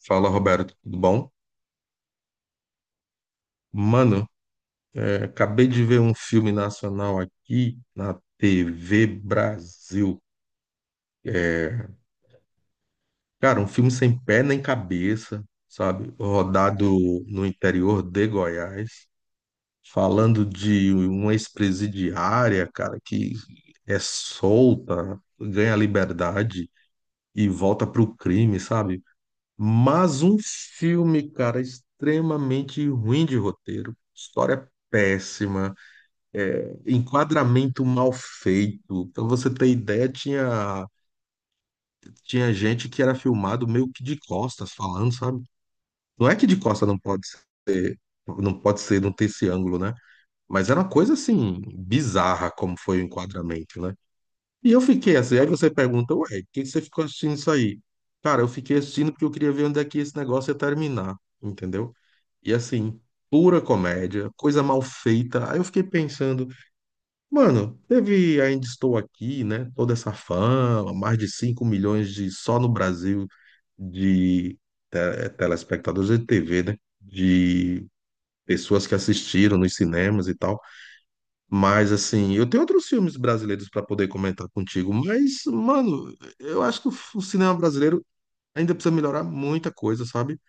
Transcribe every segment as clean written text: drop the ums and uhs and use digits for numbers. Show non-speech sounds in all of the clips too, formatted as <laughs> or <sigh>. Fala, Roberto, tudo bom? Mano, acabei de ver um filme nacional aqui na TV Brasil. É, cara, um filme sem pé nem cabeça, sabe? Rodado no interior de Goiás, falando de uma ex-presidiária, cara, que é solta, ganha liberdade e volta pro crime, sabe? Mas um filme, cara, extremamente ruim de roteiro, história péssima enquadramento mal feito. Pra você ter ideia, tinha gente que era filmado meio que de costas falando, sabe? Não é que de costas não pode ser, não pode ser, não ter esse ângulo, né? Mas era uma coisa assim, bizarra como foi o enquadramento, né? E eu fiquei assim, aí você pergunta, ué, por que você ficou assistindo isso aí? Cara, eu fiquei assistindo porque eu queria ver onde é que esse negócio ia terminar, entendeu? E assim, pura comédia, coisa mal feita. Aí eu fiquei pensando, mano, teve Ainda Estou Aqui, né? Toda essa fama, mais de 5 milhões de só no Brasil de telespectadores de TV, né? De pessoas que assistiram nos cinemas e tal. Mas assim, eu tenho outros filmes brasileiros para poder comentar contigo, mas mano, eu acho que o cinema brasileiro ainda precisa melhorar muita coisa, sabe?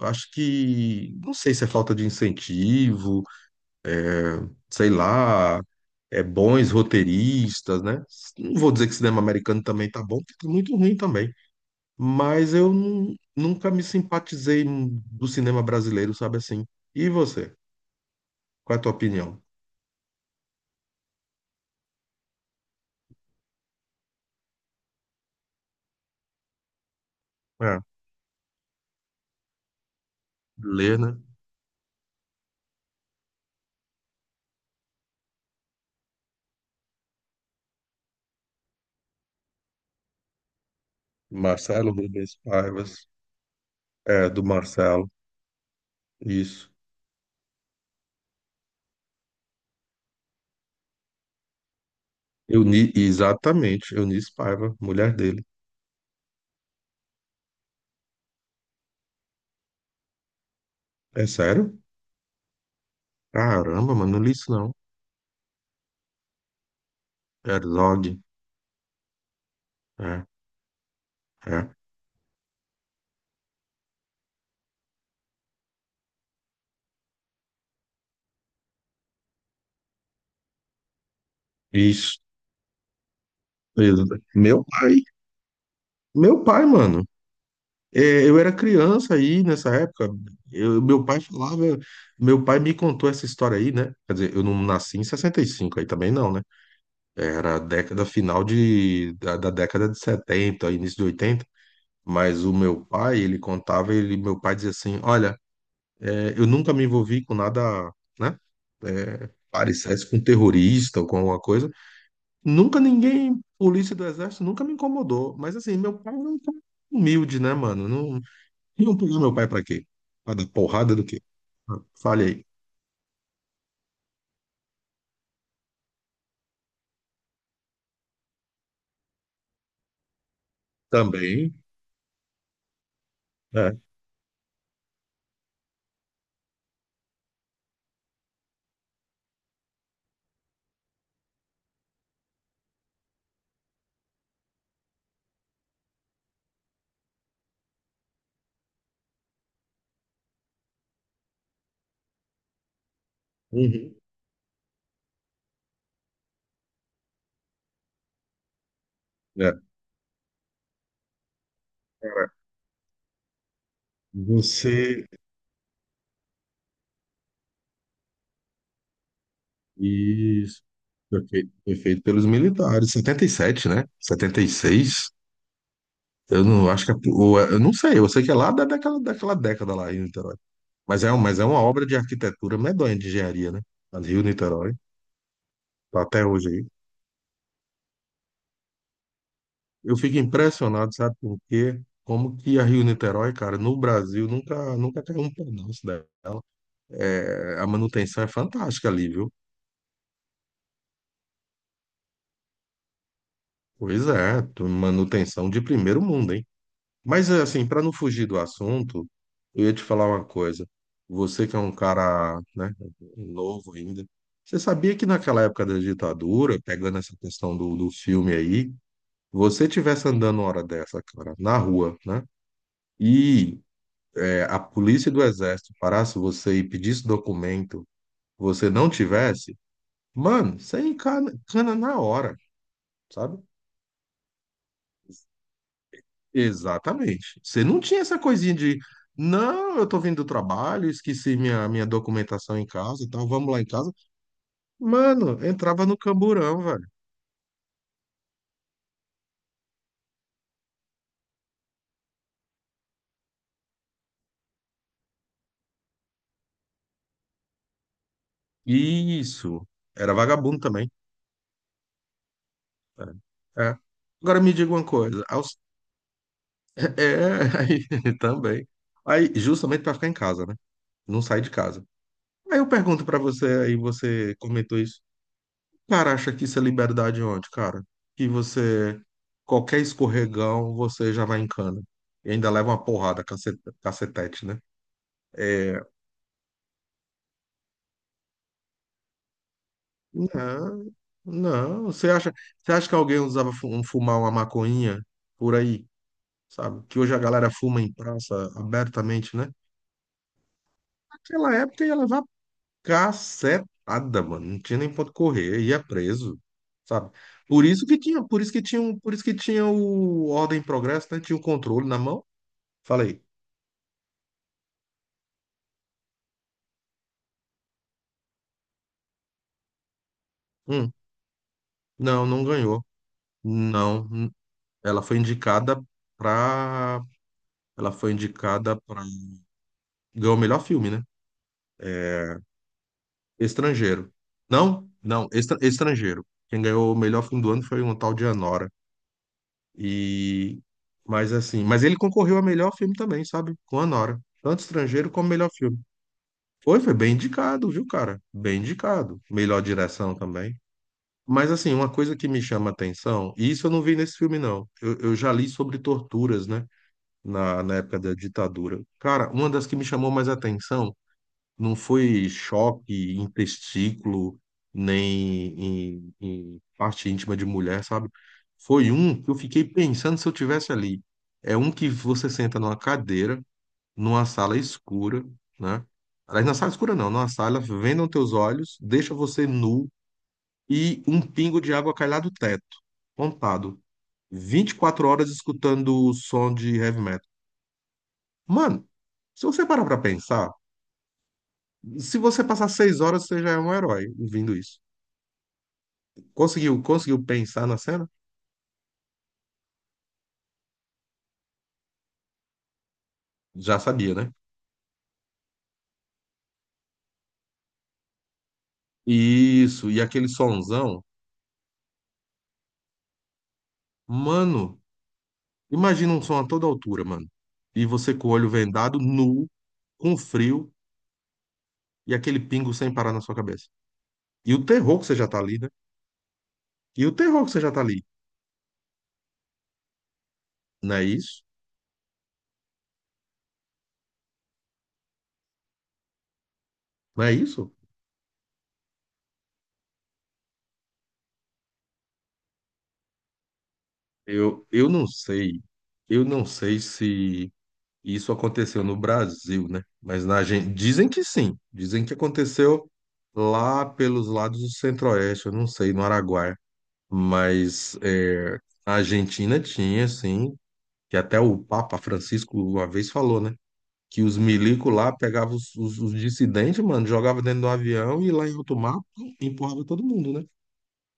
Eu acho que não sei se é falta de incentivo, sei lá, bons roteiristas, né? Não vou dizer que cinema americano também tá bom, porque tá muito ruim também. Mas eu nunca me simpatizei do cinema brasileiro, sabe assim? E você? Qual é a tua opinião? É, Lê, né? Marcelo Rubens Paivas. É, do Marcelo. Isso. Euni, exatamente, Eunice Paiva, mulher dele. É sério? Caramba, mano, não li isso não. Herzog. É, é. Isso. Meu pai. Meu pai, mano. É, eu era criança aí nessa época. Eu, meu pai falava, meu pai me contou essa história aí, né? Quer dizer, eu não nasci em 65 aí também não, né? Era a década final da década de 70, início de 80. Mas o meu pai, ele contava, ele, meu pai dizia assim, olha, eu nunca me envolvi com nada, né? É, parecesse com terrorista ou com alguma coisa. Nunca ninguém, polícia do exército, nunca me incomodou. Mas assim, meu pai não humilde, né, mano? Iam pegar meu pai para quê? Para dar porrada do quê? Ah, fale aí. Também, é. Uhum. É. Você. Isso. Foi feito pelos militares. Setenta e sete, né? Setenta e seis. Eu não acho que eu não sei. Eu sei que é lá da, daquela, daquela década lá, Rio-Niterói. Mas mas é uma obra de arquitetura medonha, de engenharia, né? A Rio-Niterói. Tá até hoje aí. Eu fico impressionado, sabe por quê? Como que a Rio-Niterói, cara, no Brasil nunca, nunca caiu um pedaço dela. É, a manutenção é fantástica ali, viu? Pois é, manutenção de primeiro mundo, hein? Mas assim, para não fugir do assunto, eu ia te falar uma coisa. Você que é um cara, né, novo ainda, você sabia que naquela época da ditadura, pegando essa questão do, do filme aí, você tivesse andando uma hora dessa, cara, na rua, né? E a polícia do exército parasse você e pedisse documento, você não tivesse, mano, você encana, cana na hora. Sabe? Exatamente. Você não tinha essa coisinha de, não, eu tô vindo do trabalho, esqueci minha, minha documentação em casa e tal, vamos lá em casa. Mano, entrava no camburão, velho. Isso. Era vagabundo também. É. É. Agora me diga uma coisa. Aos- <laughs> é, aí, <laughs> também. Aí, justamente pra ficar em casa, né? Não sai de casa. Aí eu pergunto pra você, aí você comentou isso. Cara, acha que isso é liberdade onde, cara? Que você, qualquer escorregão, você já vai em cana. E ainda leva uma porrada, cacetete, né? É, não, não. Você acha que alguém usava fumar uma maconhinha por aí, sabe? Que hoje a galera fuma em praça abertamente, né? Naquela época ia levar cacetada, mano. Não tinha nem ponto correr, ia preso, sabe? Por isso que tinha, por isso que tinha, um- por isso que tinha o Ordem e Progresso, né? Tinha o controle na mão. Falei, hum, não, não ganhou. Não. Ela foi indicada pra. Ela foi indicada pra. Ganhou o melhor filme, né? Estrangeiro. Não, não, estrangeiro. Quem ganhou o melhor filme do ano foi um tal de Anora. E. Mas assim, mas ele concorreu a melhor filme também, sabe? Com Anora. Tanto estrangeiro como melhor filme. Foi, foi bem indicado, viu, cara? Bem indicado. Melhor direção também. Mas assim, uma coisa que me chama a atenção, e isso eu não vi nesse filme, não. Eu já li sobre torturas, né? Na época da ditadura. Cara, uma das que me chamou mais atenção não foi choque em testículo, nem em parte íntima de mulher, sabe? Foi um que eu fiquei pensando se eu tivesse ali. É um que você senta numa cadeira, numa sala escura, né? Aliás, na sala escura não, numa sala, vendam teus olhos, deixa você nu e um pingo de água cai lá do teto, pontado. 24 horas escutando o som de heavy metal. Mano, se você parar pra pensar, se você passar seis horas, você já é um herói ouvindo isso. Conseguiu, conseguiu pensar na cena? Já sabia, né? Isso, e aquele sonzão. Mano, imagina um som a toda altura, mano. E você com o olho vendado, nu, com frio, e aquele pingo sem parar na sua cabeça. E o terror que você já tá ali, né? E o terror que você já tá ali. Não é isso? Não é isso? Eu não sei. Eu não sei se. Isso aconteceu no Brasil, né? Mas na Argentina. Dizem que sim. Dizem que aconteceu lá pelos lados do Centro-Oeste, eu não sei, no Araguaia. Mas é, a Argentina tinha, sim, que até o Papa Francisco uma vez falou, né? Que os milicos lá pegavam os dissidentes, mano, jogava dentro do avião e lá em alto mar pum, empurrava todo mundo, né?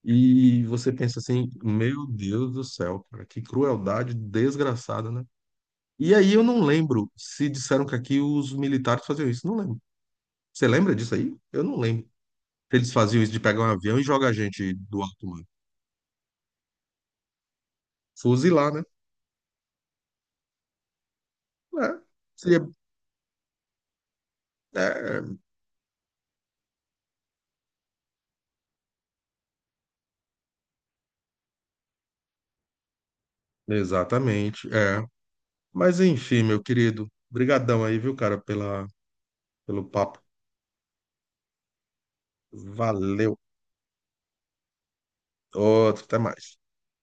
E você pensa assim, meu Deus do céu, cara, que crueldade desgraçada, né? E aí eu não lembro se disseram que aqui os militares faziam isso. Não lembro. Você lembra disso aí? Eu não lembro. Se eles faziam isso de pegar um avião e jogar a gente do alto, mano. Fuzilar, né? É. Seria... É, é. Exatamente. É. Mas enfim, meu querido. Brigadão aí, viu, cara, pela, pelo papo. Valeu. Outro, até mais.